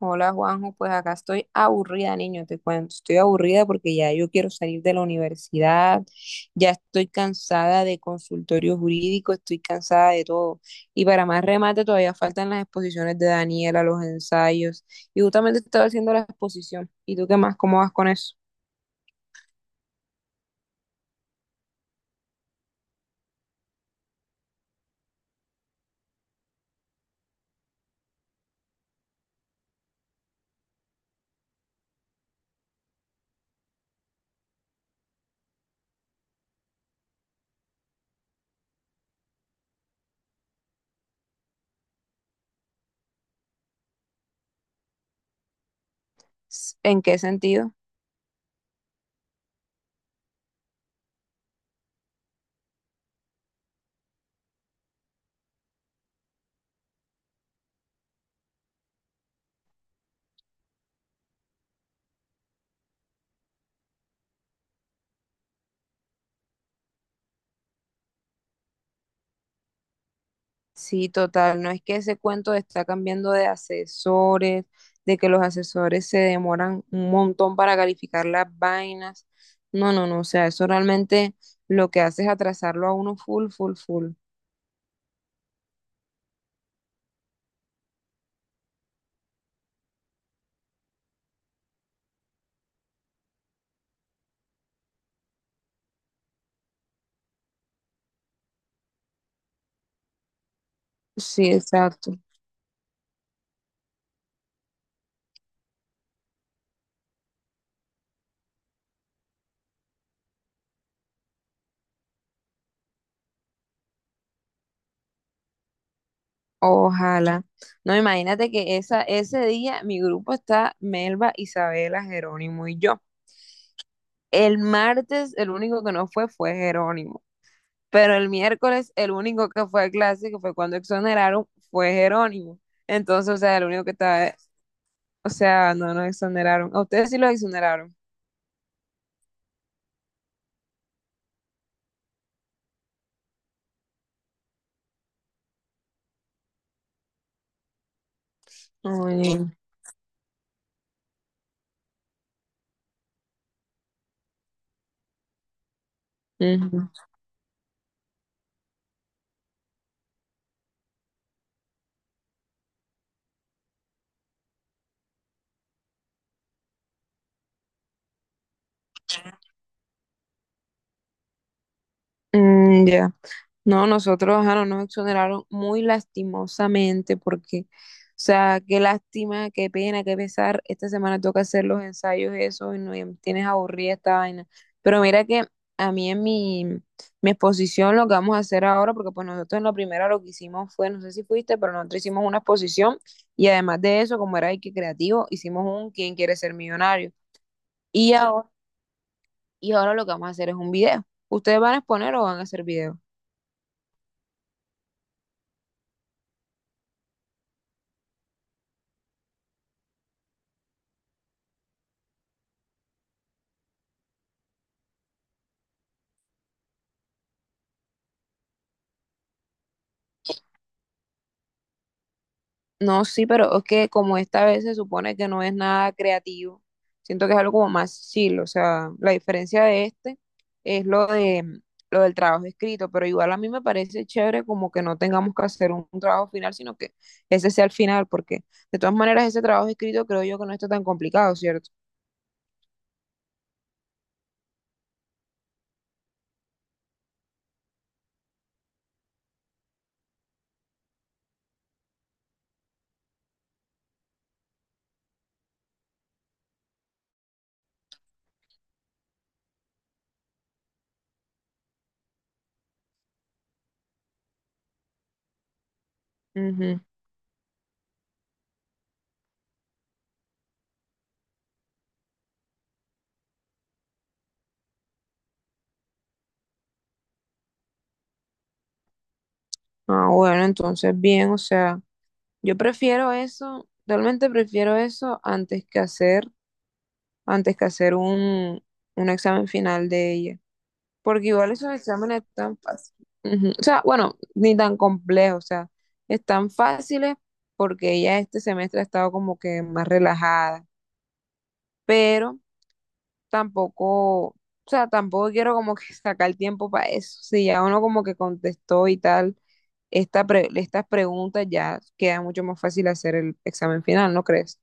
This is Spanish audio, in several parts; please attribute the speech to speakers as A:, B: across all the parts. A: Hola Juanjo, pues acá estoy aburrida, niño, te cuento. Estoy aburrida porque ya yo quiero salir de la universidad, ya estoy cansada de consultorio jurídico, estoy cansada de todo. Y para más remate, todavía faltan las exposiciones de Daniela, los ensayos. Y justamente estaba haciendo la exposición. ¿Y tú qué más? ¿Cómo vas con eso? ¿En qué sentido? Sí, total, no es que ese cuento de está cambiando de asesores, de que los asesores se demoran un montón para calificar las vainas. No, no, no, o sea, eso realmente lo que hace es atrasarlo a uno full, full, full. Sí, exacto. Ojalá. No, imagínate que esa, ese día mi grupo está Melba, Isabela, Jerónimo y yo. El martes el único que no fue fue Jerónimo. Pero el miércoles, el único que fue a clase que fue cuando exoneraron, fue Jerónimo. Entonces, o sea, el único que estaba, o sea, no nos exoneraron. A ustedes sí los exoneraron. Ay. Ujú. Mm, ya. No, nosotros ajá, no nos exoneraron muy lastimosamente porque, o sea, qué lástima, qué pena, qué pesar. Esta semana toca hacer los ensayos eso y no y tienes aburrida esta vaina. Pero mira que a mí en mi exposición lo que vamos a hacer ahora, porque pues nosotros en la primera lo que hicimos fue, no sé si fuiste, pero nosotros hicimos una exposición y además de eso, como era que creativo, hicimos un ¿Quién quiere ser millonario? Y ahora, y ahora lo que vamos a hacer es un video. ¿Ustedes van a exponer o van a hacer video? No, sí, pero es que como esta vez se supone que no es nada creativo, siento que es algo como más chill, o sea, la diferencia de este es lo del trabajo escrito, pero igual a mí me parece chévere como que no tengamos que hacer un trabajo final, sino que ese sea el final, porque de todas maneras ese trabajo escrito creo yo que no está tan complicado, ¿cierto? Ujú. Ah, bueno, entonces bien, o sea, yo prefiero eso, realmente prefiero eso antes que hacer un examen final de ella. Porque igual esos exámenes tan fáciles. Ujú. O sea, bueno, ni tan complejos, o sea, están fáciles porque ella este semestre ha estado como que más relajada, pero tampoco, o sea, tampoco quiero como que sacar tiempo para eso. Si ya uno como que contestó y tal, estas preguntas ya queda mucho más fácil hacer el examen final, ¿no crees?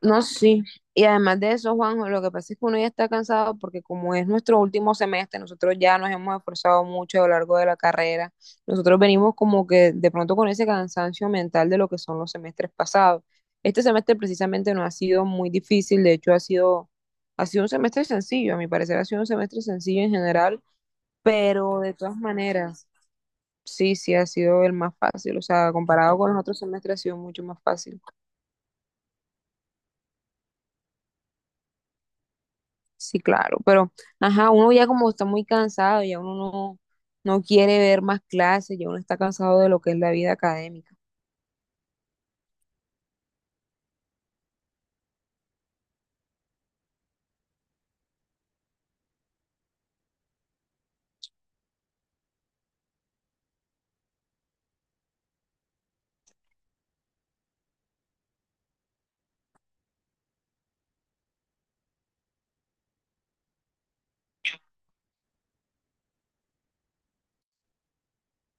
A: No, sí. Y además de eso, Juanjo, lo que pasa es que uno ya está cansado porque como es nuestro último semestre, nosotros ya nos hemos esforzado mucho a lo largo de la carrera. Nosotros venimos como que de pronto con ese cansancio mental de lo que son los semestres pasados. Este semestre precisamente no ha sido muy difícil, de hecho ha sido un semestre sencillo, a mi parecer ha sido un semestre sencillo en general, pero de todas maneras, sí, sí ha sido el más fácil, o sea, comparado con los otros semestres ha sido mucho más fácil. Sí, claro, pero, ajá, uno ya como está muy cansado, ya uno no, no quiere ver más clases, ya uno está cansado de lo que es la vida académica.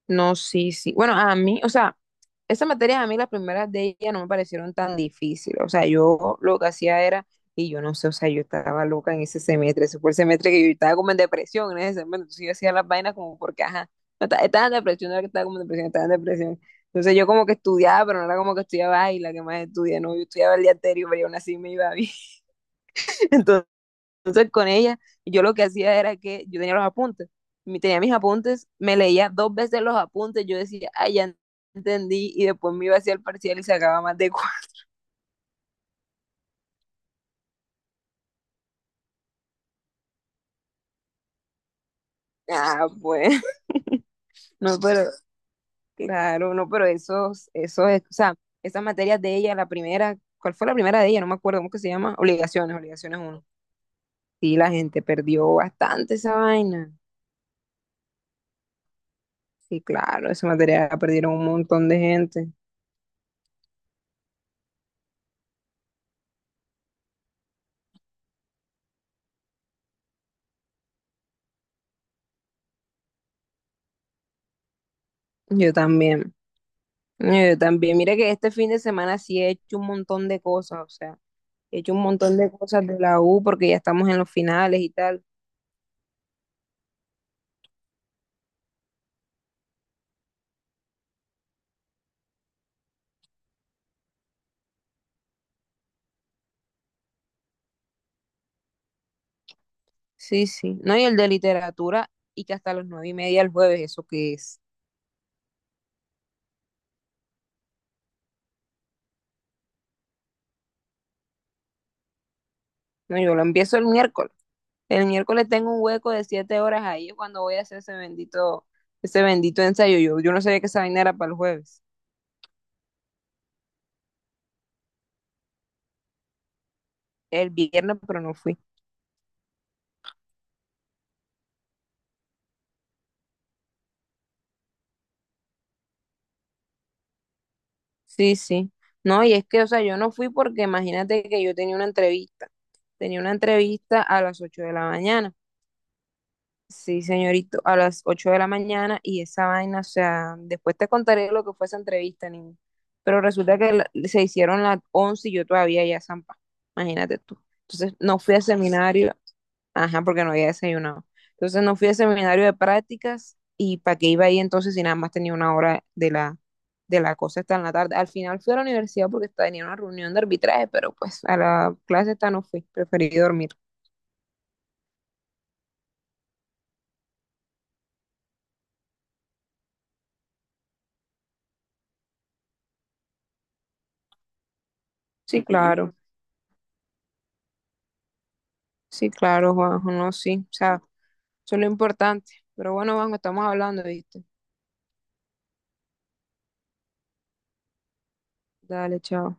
A: No, sí, sí. Bueno, a mí, o sea, esas materias a mí, las primeras de ella no me parecieron tan difíciles. O sea, yo lo que hacía era, y yo no sé, o sea, yo estaba loca en ese semestre. Ese fue el semestre que yo estaba como en depresión en ese semestre. Entonces yo hacía las vainas como porque, ajá, no, ta- estaba en depresión, no era que estaba como en depresión, estaba en depresión. Entonces yo como que estudiaba, pero no era como que estudiaba, ay, la que más estudia, no, yo estudiaba el día anterior, pero yo aún así me iba bien. Entonces con ella, yo lo que hacía era que yo tenía los apuntes, tenía mis apuntes, me leía dos veces los apuntes, yo decía, ay, ya entendí, y después me iba hacia el parcial y sacaba más de cuatro. Ah, pues, no, pero, claro, no, pero esos, o sea, esas materias de ella, la primera, ¿cuál fue la primera de ella? No me acuerdo, ¿cómo que se llama? Obligaciones, obligaciones uno. Sí, la gente perdió bastante esa vaina. Sí, claro, esa materia la perdieron un montón de gente. Yo también. No, yo también, mira que este fin de semana sí he hecho un montón de cosas, o sea, he hecho un montón de cosas de la U porque ya estamos en los finales y tal. Sí, sí. No, y el de literatura y que hasta las 9:30 el jueves, ¿eso qué es? No, yo lo empiezo el miércoles. El miércoles tengo un hueco de 7 horas ahí cuando voy a hacer ese bendito ensayo. Yo no sabía que esa vaina era para el jueves. El viernes, pero no fui. Sí, sí. No, y es que, o sea, yo no fui porque imagínate que yo tenía una entrevista. Tenía una entrevista a las 8 de la mañana. Sí, señorito, a las 8 de la mañana y esa vaina, o sea, después te contaré lo que fue esa entrevista, niño. Pero resulta que se hicieron las 11 y yo todavía ya zampa, imagínate tú. Entonces no fui al seminario, ajá, porque no había desayunado. Entonces no fui al seminario de prácticas y para qué iba ahí entonces si nada más tenía una hora de la cosa hasta en la tarde. Al final fui a la universidad porque tenía una reunión de arbitraje, pero pues a la clase esta no fui, preferí dormir. Sí, claro. Sí, claro, Juanjo, no, sí, o sea, eso es lo importante. Pero bueno, Juanjo, estamos hablando, ¿viste? Dale, chao.